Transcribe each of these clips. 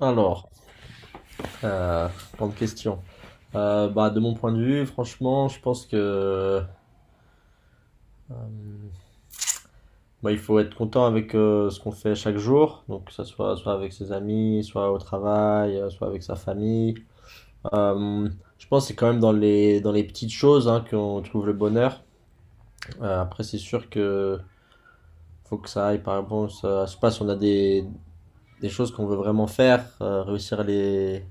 Alors, euh, Grande question. De mon point de vue, franchement, je pense que il faut être content avec ce qu'on fait chaque jour, donc que ce soit avec ses amis, soit au travail, soit avec sa famille. Euh, je pense que c'est quand même dans les petites choses hein, qu'on trouve le bonheur. Après, c'est sûr que faut que ça aille, par exemple. Ça, je sais pas si on a des choses qu'on veut vraiment faire, réussir à les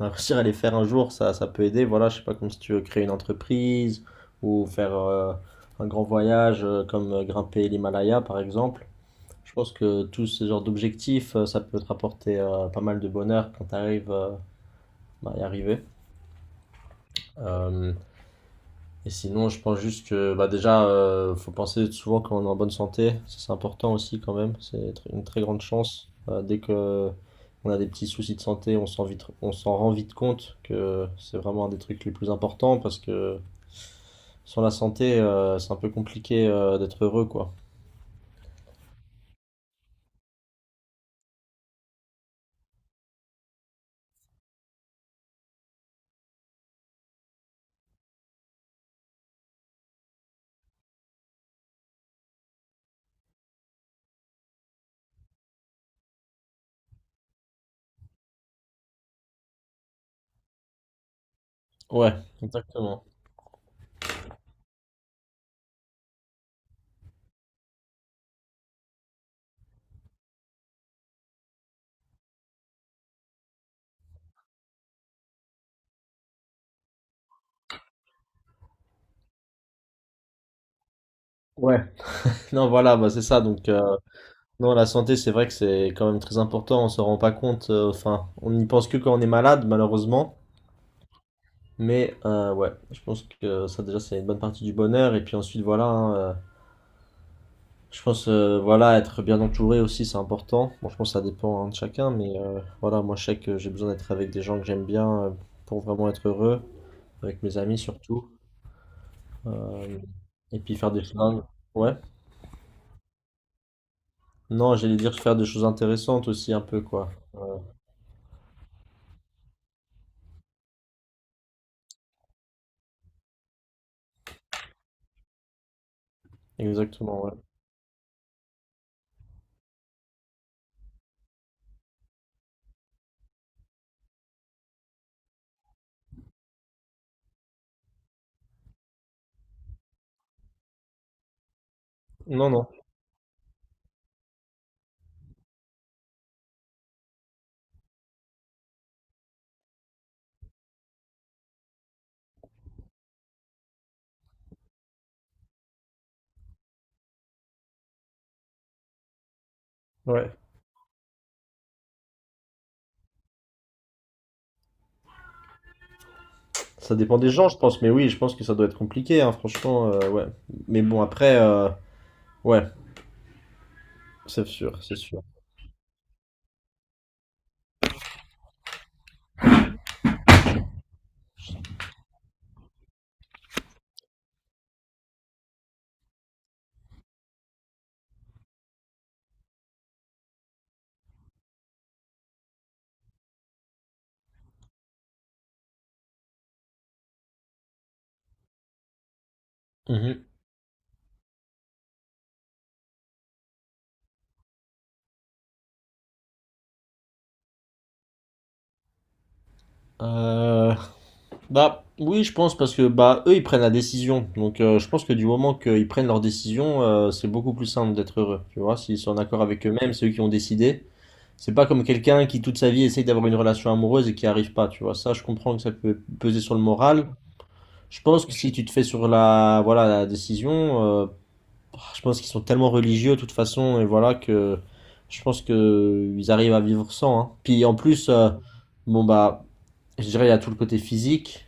Réussir à les faire un jour, ça peut aider. Voilà, je sais pas, comme si tu veux créer une entreprise ou faire un grand voyage, comme grimper l'Himalaya par exemple. Je pense que tous ces genres d'objectifs, ça peut te rapporter pas mal de bonheur quand tu arrives à y arriver. Euh, Et sinon, je pense juste que déjà, faut penser souvent quand on est en bonne santé. Ça, c'est important aussi quand même. C'est une très grande chance. Dès que on a des petits soucis de santé, on s'en rend vite compte que c'est vraiment un des trucs les plus importants, parce que sans la santé, c'est un peu compliqué d'être heureux, quoi. Ouais, exactement. Ouais. Non, voilà, bah c'est ça. Donc, non, la santé, c'est vrai que c'est quand même très important. On s'en rend pas compte. Enfin, on n'y pense que quand on est malade, malheureusement. Mais ouais, je pense que ça déjà c'est une bonne partie du bonheur. Et puis ensuite voilà, hein, je pense voilà, être bien entouré aussi c'est important. Bon, je pense que ça dépend hein, de chacun, mais voilà, moi je sais que j'ai besoin d'être avec des gens que j'aime bien, pour vraiment être heureux, avec mes amis surtout. Euh, et puis faire des choses. Ouais. Non, j'allais dire faire des choses intéressantes aussi un peu quoi. Exactement, ouais. Non non. Ouais. Ça dépend des gens je pense, mais oui je pense que ça doit être compliqué hein, franchement ouais. Mais bon après ouais, c'est sûr. Mhm. Euh, Bah oui, je pense, parce que bah eux ils prennent la décision. Donc je pense que du moment qu'ils prennent leur décision, c'est beaucoup plus simple d'être heureux. Tu vois, s'ils sont en accord avec eux-mêmes, c'est eux qui ont décidé. C'est pas comme quelqu'un qui toute sa vie essaye d'avoir une relation amoureuse et qui arrive pas. Tu vois, ça je comprends que ça peut peser sur le moral. Je pense que si tu te fais sur la voilà la décision, Oh, je pense qu'ils sont tellement religieux de toute façon et voilà que je pense que ils arrivent à vivre sans, hein. Puis en plus, bon bah, je dirais il y a tout le côté physique.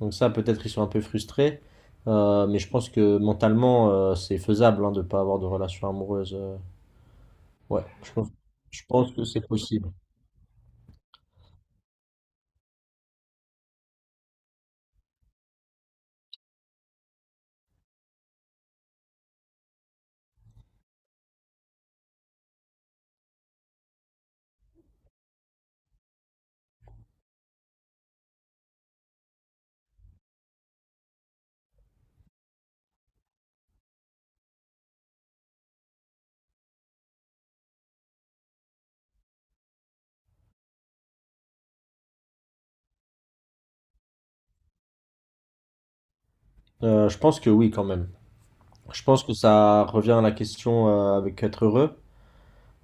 Donc ça, peut-être ils sont un peu frustrés. Mais je pense que mentalement, c'est faisable hein, de pas avoir de relation amoureuse. Ouais, je pense que c'est possible. Je pense que oui quand même. Je pense que ça revient à la question avec être heureux.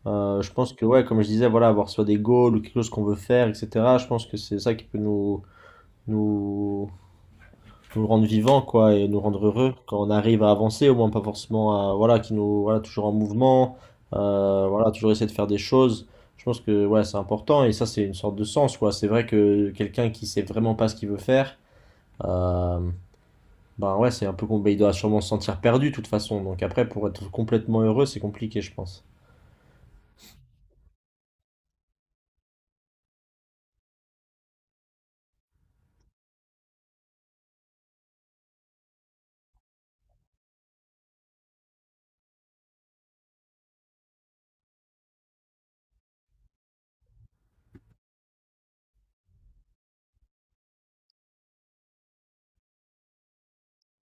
Je pense que ouais, comme je disais, voilà, avoir soit des goals ou quelque chose qu'on veut faire, etc. Je pense que c'est ça qui peut nous, nous rendre vivants quoi, et nous rendre heureux quand on arrive à avancer, au moins pas forcément à, voilà, qui nous, voilà, toujours en mouvement, voilà, toujours essayer de faire des choses. Je pense que ouais, c'est important, et ça c'est une sorte de sens quoi. C'est vrai que quelqu'un qui sait vraiment pas ce qu'il veut faire, euh, ouais, c'est un peu compliqué, il doit sûrement se sentir perdu de toute façon, donc après pour être complètement heureux c'est compliqué je pense.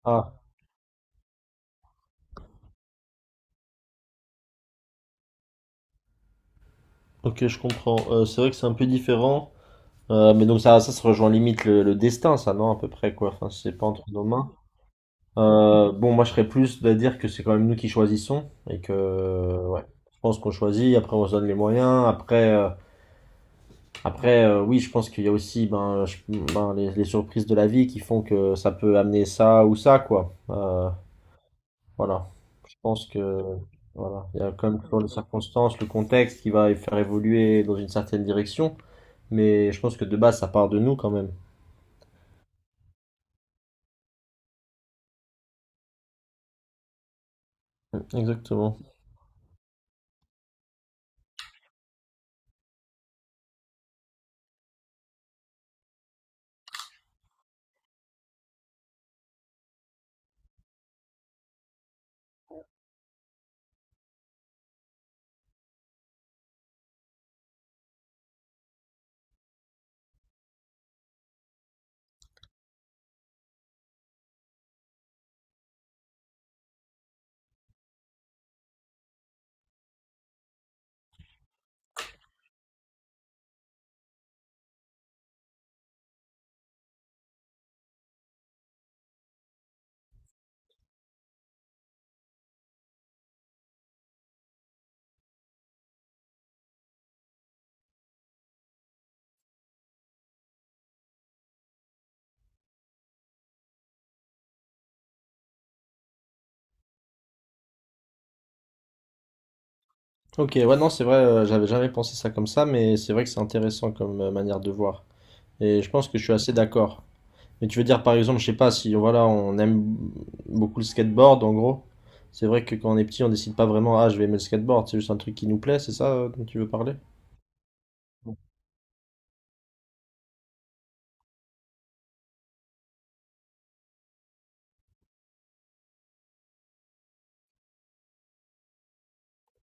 Ah, ok, je comprends. C'est vrai que c'est un peu différent. Mais donc ça se rejoint limite le destin, ça non? À peu près quoi, enfin si c'est pas entre nos mains. Moi je serais plus de dire que c'est quand même nous qui choisissons, et que ouais, je pense qu'on choisit. Après, on se donne les moyens. Oui, je pense qu'il y a aussi ben, les surprises de la vie qui font que ça peut amener ça ou ça quoi. Voilà. Je pense que voilà, il y a quand même toujours les circonstances, le contexte qui va faire évoluer dans une certaine direction. Mais je pense que de base, ça part de nous quand même. Mm, exactement. Ok, ouais, non, c'est vrai, j'avais jamais pensé ça comme ça, mais c'est vrai que c'est intéressant comme manière de voir. Et je pense que je suis assez d'accord. Mais tu veux dire, par exemple, je sais pas, si voilà, on aime beaucoup le skateboard, en gros, c'est vrai que quand on est petit, on décide pas vraiment, ah, je vais aimer le skateboard, c'est juste un truc qui nous plaît, c'est ça dont tu veux parler?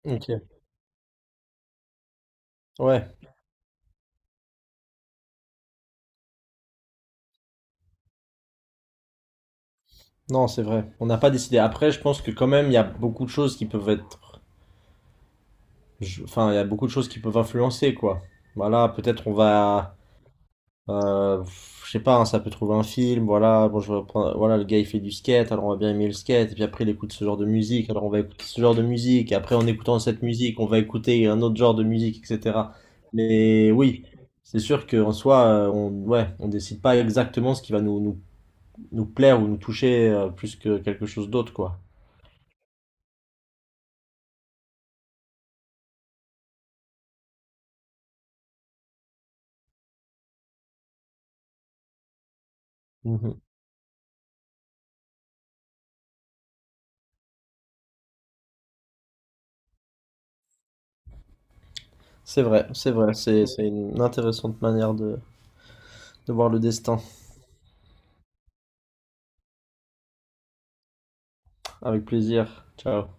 Ok, ouais, non, c'est vrai. On n'a pas décidé. Après, je pense que quand même, il y a beaucoup de choses qui peuvent être. Enfin, il y a beaucoup de choses qui peuvent influencer, quoi. Voilà, peut-être on va. Euh, je sais pas, hein, ça peut trouver un film, voilà, bon, voilà, le gars il fait du skate, alors on va bien aimer le skate, et puis après il écoute ce genre de musique, alors on va écouter ce genre de musique, et après en écoutant cette musique, on va écouter un autre genre de musique, etc. Mais oui, c'est sûr qu'en soi, on, ouais, on décide pas exactement ce qui va nous plaire ou nous toucher plus que quelque chose d'autre, quoi. Mhm. C'est vrai, c'est vrai, c'est une intéressante manière de voir le destin. Avec plaisir. Ciao.